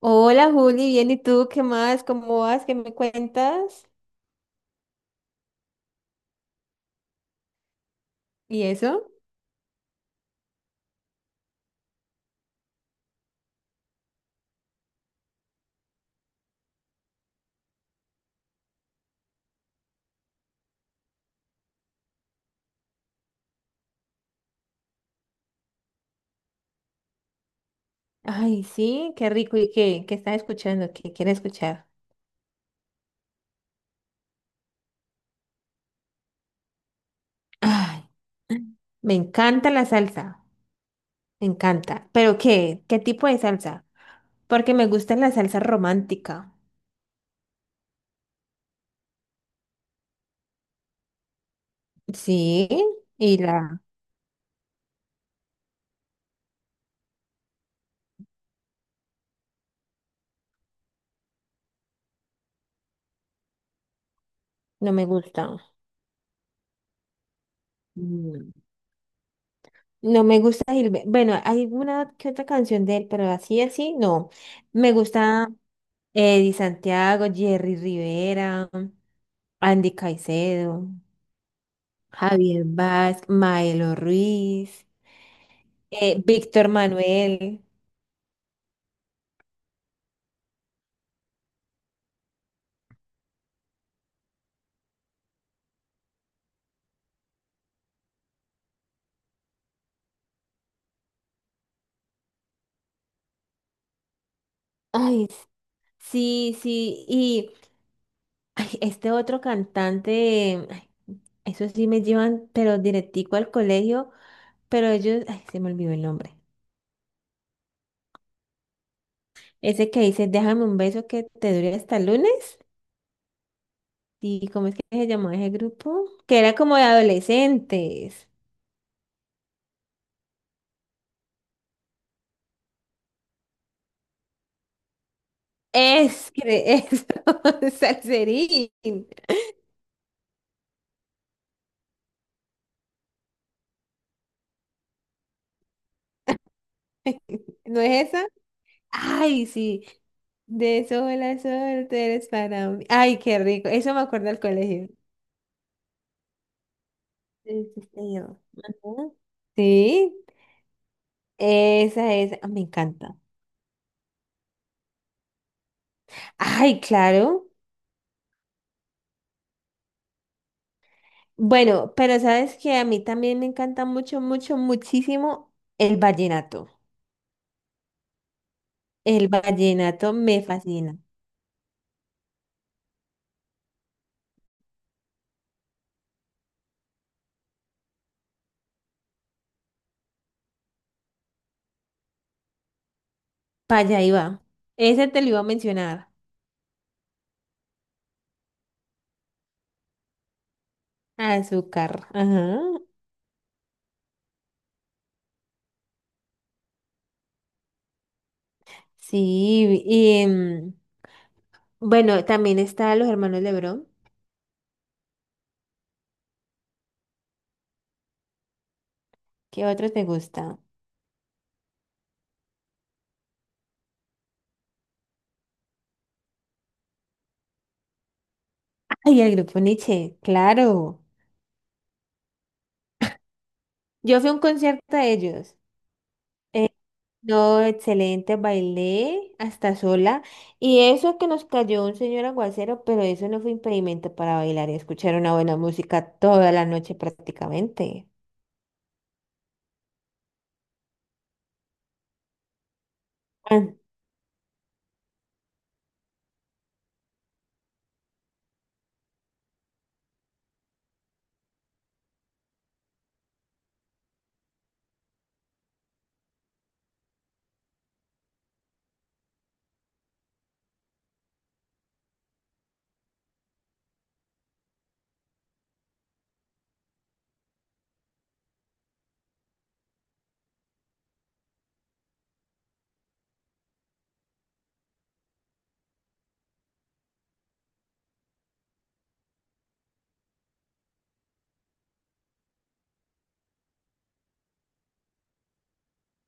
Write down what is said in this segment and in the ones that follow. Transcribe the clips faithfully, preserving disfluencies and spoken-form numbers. Hola Juli, bien, ¿y tú qué más? ¿Cómo vas? ¿Qué me cuentas? ¿Y eso? Ay, sí, qué rico. ¿Y qué? ¿Qué estás escuchando? ¿Qué quieres escuchar? Ay, me encanta la salsa, me encanta. ¿Pero qué? ¿Qué tipo de salsa? Porque me gusta la salsa romántica. Sí, y la no me gusta. Mm. No me gusta Gilberto. Bueno, hay una que otra canción de él, pero así, así, no. Me gusta Eddie Santiago, Jerry Rivera. Andy Caicedo, Javier Vaz, Maelo Ruiz, eh, Víctor Manuel. Ay, s- sí, sí. Y ay, este otro cantante, ay, eso sí me llevan, pero directico al colegio, pero ellos, ay, se me olvidó el nombre. Ese que dice, déjame un beso que te dure hasta el lunes. ¿Y cómo es que se llamó ese grupo? Que era como de adolescentes. Es, cre- eso, Salserín. ¿No es esa? Ay, sí. De sola suerte eres para mí. Ay, qué rico. Eso me acuerdo del colegio. Sí, sí, señor. Ajá. Sí, esa es. Me encanta. Ay, claro. Bueno, pero sabes que a mí también me encanta mucho, mucho, muchísimo el vallenato. El vallenato me fascina. Para allá iba. Ese te lo iba a mencionar. Azúcar. Ajá. Sí. Y em, bueno, también está Los Hermanos Lebrón. ¿Qué otro te gusta? Ay, el grupo Nietzsche, claro. Yo fui a un concierto de ellos. Eh, no, excelente, bailé hasta sola. Y eso que nos cayó un señor aguacero, pero eso no fue impedimento para bailar y escuchar una buena música toda la noche prácticamente. Ah,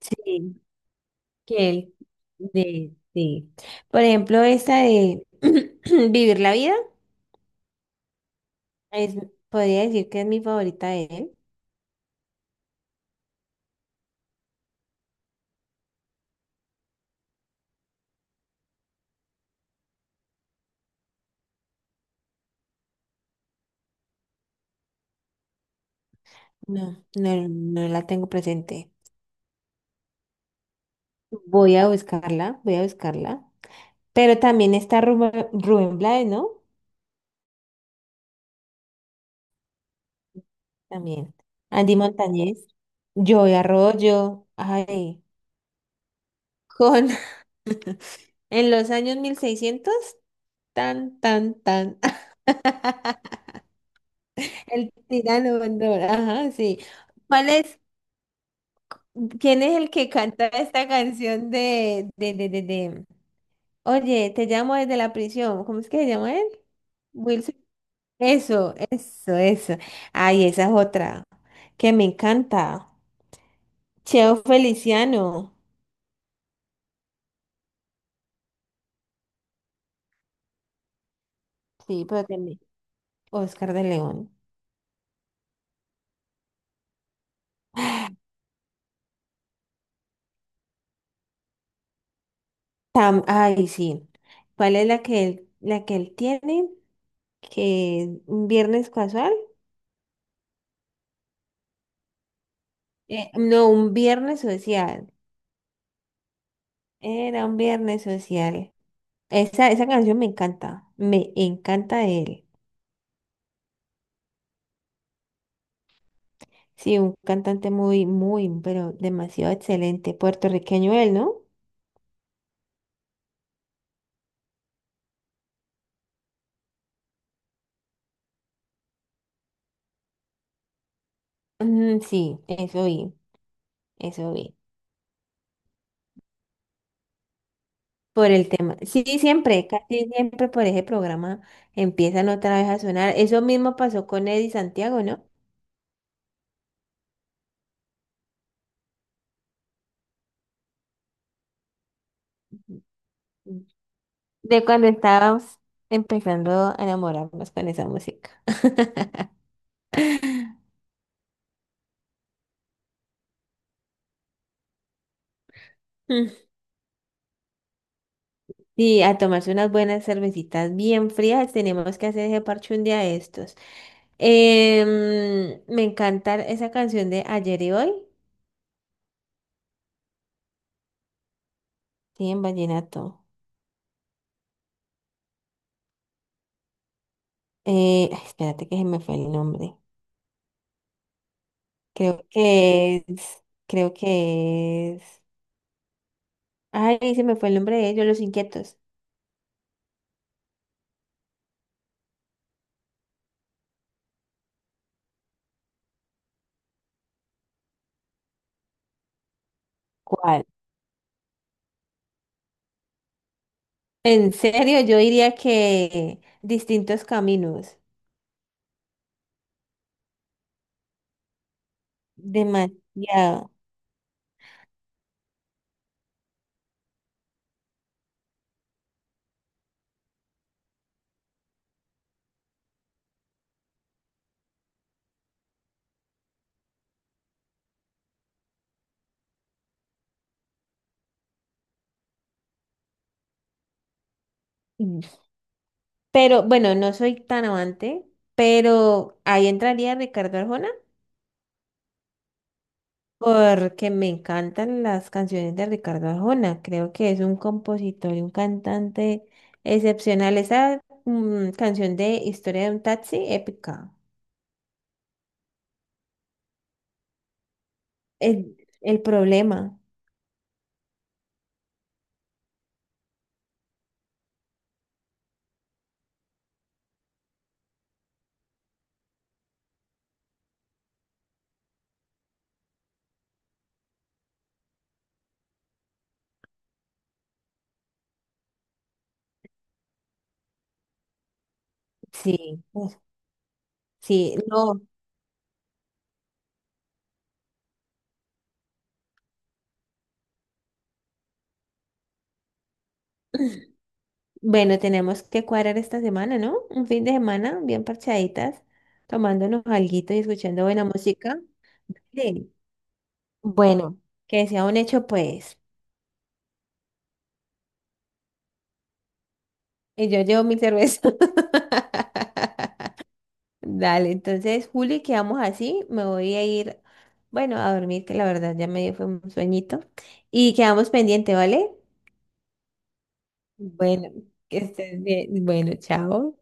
sí, que él, de, sí. Por ejemplo, esta de Vivir la Vida, es, podría decir que es mi favorita de él. No, no, no la tengo presente. Voy a buscarla, voy a buscarla. Pero también está Rubén, Rubén Blades, ¿no? También. Andy Montañez, Joey Arroyo, ay, con en los años mil seiscientos, tan, tan, tan, el tirano Bandor, ajá, sí. ¿Cuál es, ¿quién es el que canta esta canción de, de, de, de, de, oye, te llamo desde la prisión, ¿cómo es que se llama él? Wilson. Eso, eso, eso. Ay, esa es otra que me encanta. Cheo Feliciano. Sí, pero también. Oscar de León. Tam- ay, sí. ¿Cuál es la que él, ¿la que él tiene? Que un viernes casual. Eh, no, un viernes social. Era un viernes social. Esa, esa canción me encanta. Me encanta de él. Sí, un cantante muy, muy, pero demasiado excelente. Puertorriqueño él, ¿no? Mm, sí, eso vi, eso vi. Por el tema. Sí, siempre, casi siempre por ese programa empiezan otra vez a sonar. Eso mismo pasó con Eddie Santiago, ¿no? Mm. De cuando estábamos empezando a enamorarnos con esa música. Mm. Sí, a tomarse unas buenas cervecitas bien frías. Tenemos que hacer ese parche un día de estos. Em, me encanta esa canción de Ayer y Hoy. Sí, en vallenato. Eh, ay, espérate que se me fue el nombre. Creo que es, creo que es. Ay, se me fue el nombre de ellos, Los Inquietos. ¿Cuál? En serio, yo diría que distintos caminos. Demasiado. Mm. Pero bueno, no soy tan amante, pero ahí entraría Ricardo Arjona. Porque me encantan las canciones de Ricardo Arjona. Creo que es un compositor y un cantante excepcional. Esa mm, canción de Historia de un taxi, épica. El, el problema. Sí, uf, sí, no. Bueno, tenemos que cuadrar esta semana, ¿no? Un fin de semana bien parchaditas, tomándonos alguito y escuchando buena música. Sí. Bueno, que sea un hecho, pues. Y yo llevo mi cerveza. Dale, entonces, Juli, quedamos así. Me voy a ir, bueno, a dormir, que la verdad ya me dio fue un sueñito. Y quedamos pendiente, ¿vale? Bueno, que estés bien. Bueno, chao.